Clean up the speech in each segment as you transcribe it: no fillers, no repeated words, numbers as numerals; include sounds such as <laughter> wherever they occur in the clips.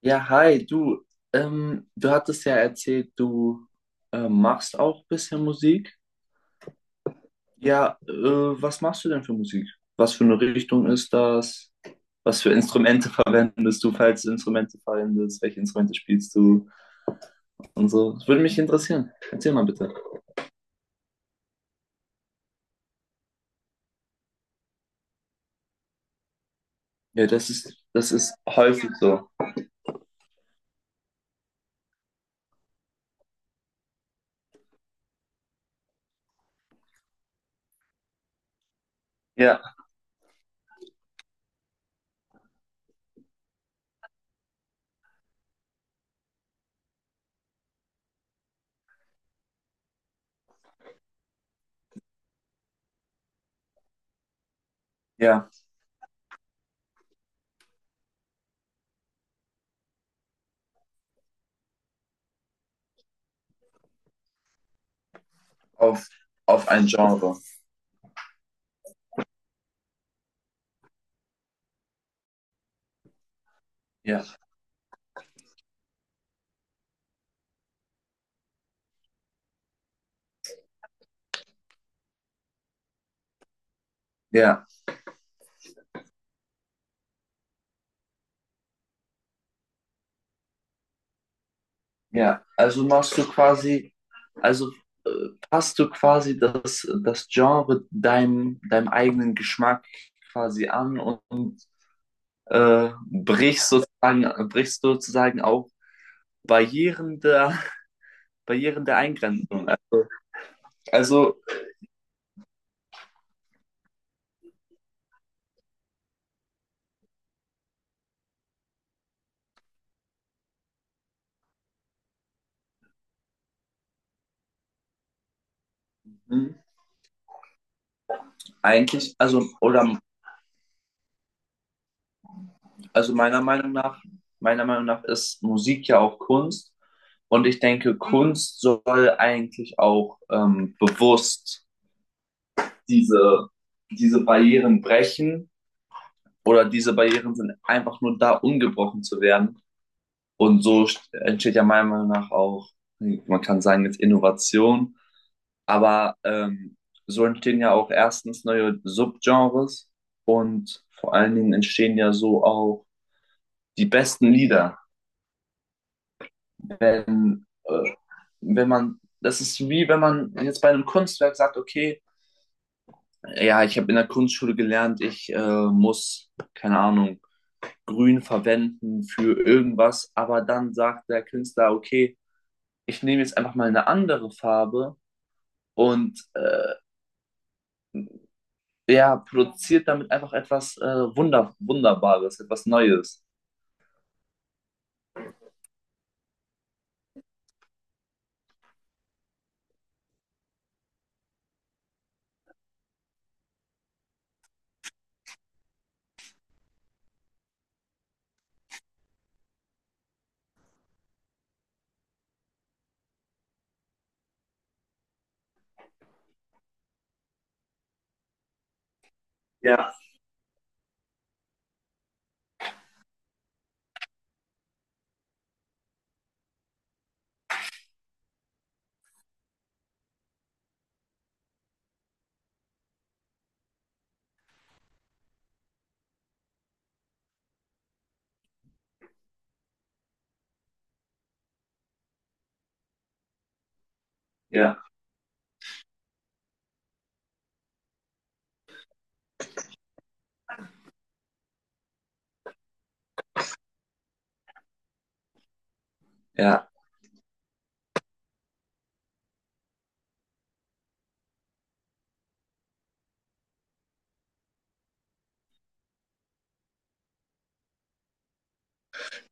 Ja, hi, du. Du hattest ja erzählt, du machst auch ein bisschen Musik. Ja, was machst du denn für Musik? Was für eine Richtung ist das? Was für Instrumente <laughs> verwendest du, falls du Instrumente verwendest? Welche Instrumente spielst du? Und so. Das würde mich interessieren. Erzähl mal bitte. Ja, das ist häufig so. Ja, ja, auf, auf ein Genre. Ja, ja. Ja, also machst du quasi, also äh, passt du quasi das Genre deinem eigenen Geschmack quasi an und brichst sozusagen auch Barrieren der, <laughs> Barrieren der Eingrenzung. Also mh, eigentlich, also, oder, also meiner Meinung nach ist Musik ja auch Kunst und ich denke, Kunst soll eigentlich auch bewusst diese, diese Barrieren brechen oder diese Barrieren sind einfach nur da, um gebrochen zu werden. Und so entsteht ja meiner Meinung nach auch, man kann sagen, jetzt Innovation, aber so entstehen ja auch erstens neue Subgenres und vor allen Dingen entstehen ja so auch die besten Lieder. Wenn, äh, wenn man, das ist wie wenn man jetzt bei einem Kunstwerk sagt, okay, ja, ich habe in der Kunstschule gelernt, ich muss, keine Ahnung, grün verwenden für irgendwas, aber dann sagt der Künstler, okay, ich nehme jetzt einfach mal eine andere Farbe und ja, produziert damit einfach etwas Wunder Wunderbares, etwas Neues. Ja, ja. Ja,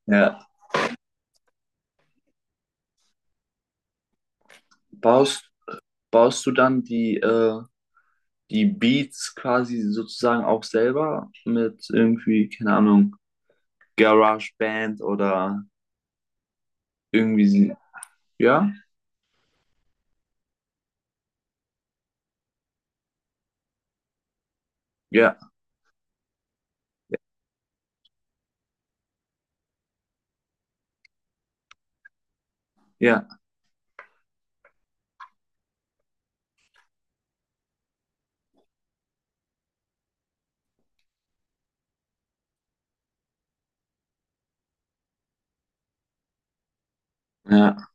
ja. Baust, baust du dann die, die Beats quasi sozusagen auch selber mit irgendwie, keine Ahnung, GarageBand oder irgendwie, sie ja, ja, ja, ja, ja,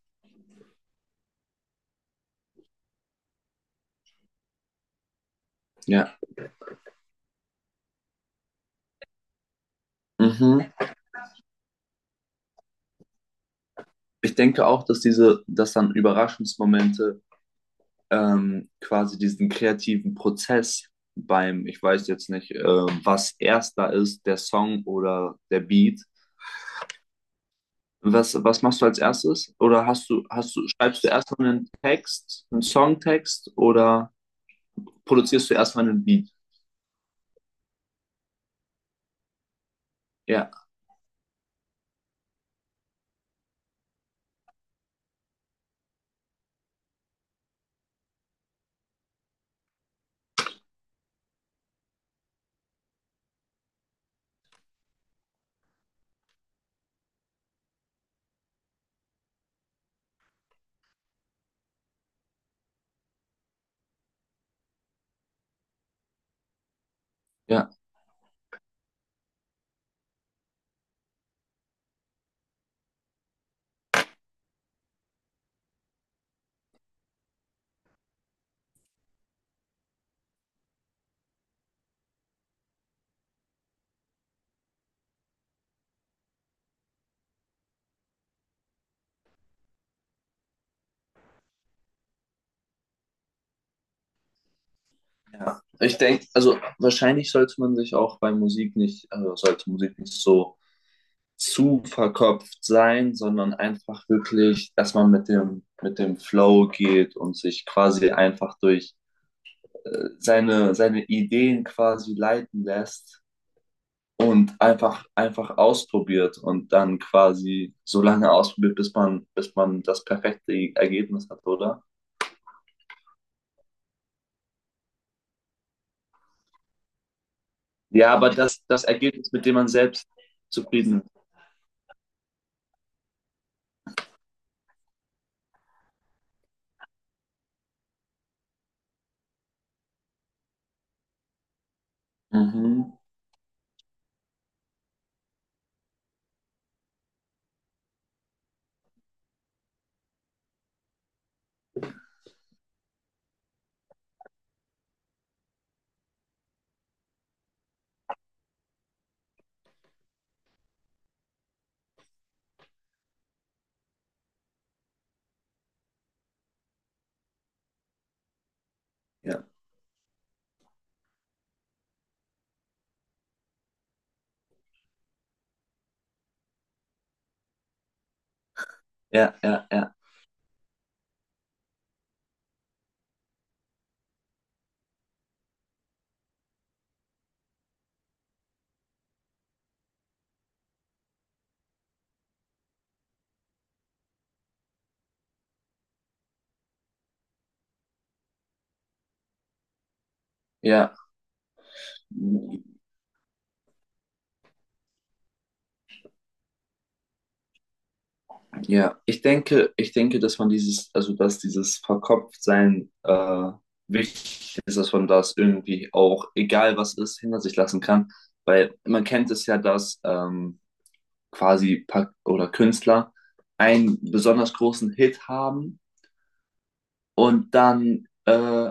ja. Mhm. Ich denke auch, dass diese, dass dann Überraschungsmomente quasi diesen kreativen Prozess beim, ich weiß jetzt nicht, was erst da ist, der Song oder der Beat. Was, was machst du als erstes? Oder hast du, schreibst du erstmal einen Text, einen Songtext oder produzierst du erstmal einen Beat? Ja, ja, ja. Ich denke, also wahrscheinlich sollte man sich auch bei Musik nicht, also sollte Musik nicht so zu verkopft sein, sondern einfach wirklich, dass man mit dem Flow geht und sich quasi einfach durch seine, seine Ideen quasi leiten lässt und einfach, einfach ausprobiert und dann quasi so lange ausprobiert, bis man das perfekte Ergebnis hat, oder? Ja, aber das, das Ergebnis, mit dem man selbst zufrieden ist. Mhm. Ja, ja, ja, ja, ja. Ja, ich denke, dass man dieses, also dass dieses Verkopftsein wichtig ist, dass man das irgendwie auch, egal was ist, hinter sich lassen kann. Weil man kennt es ja, dass quasi Pa- oder Künstler einen besonders großen Hit haben und dann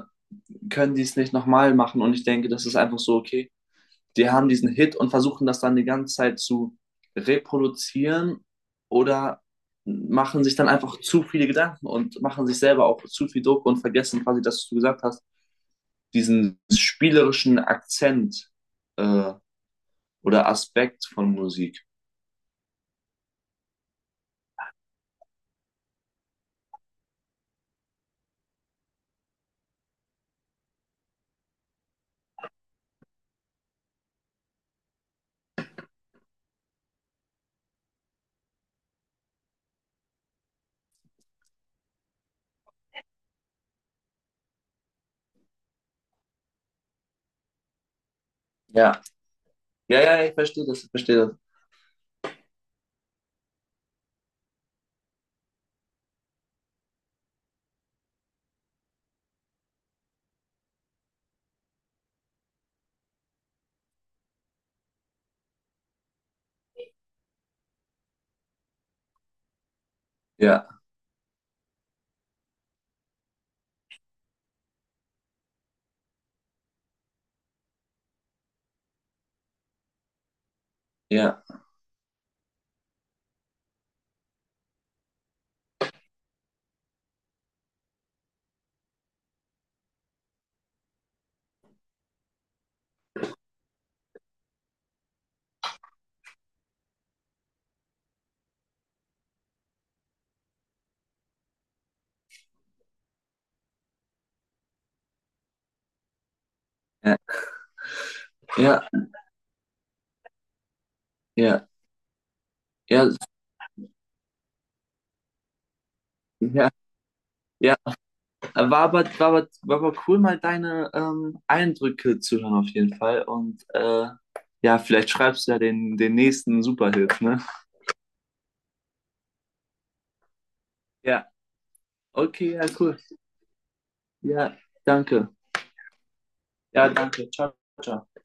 können die es nicht nochmal machen. Und ich denke, das ist einfach so, okay, die haben diesen Hit und versuchen das dann die ganze Zeit zu reproduzieren oder machen sich dann einfach zu viele Gedanken und machen sich selber auch zu viel Druck und vergessen quasi, dass du gesagt hast, diesen spielerischen Akzent äh, oder Aspekt von Musik. Ja, ja, ja, ich verstehe das, ich verstehe das. Ja, ja, ja, ja, ja, ja, ja, ja, war aber, war aber, war aber cool, mal deine Eindrücke zu hören auf jeden Fall. Und ja, vielleicht schreibst du ja den, den nächsten Superhit, ne? Ja, okay, ja, cool. Ja, danke. Ja, danke. Ciao, ciao.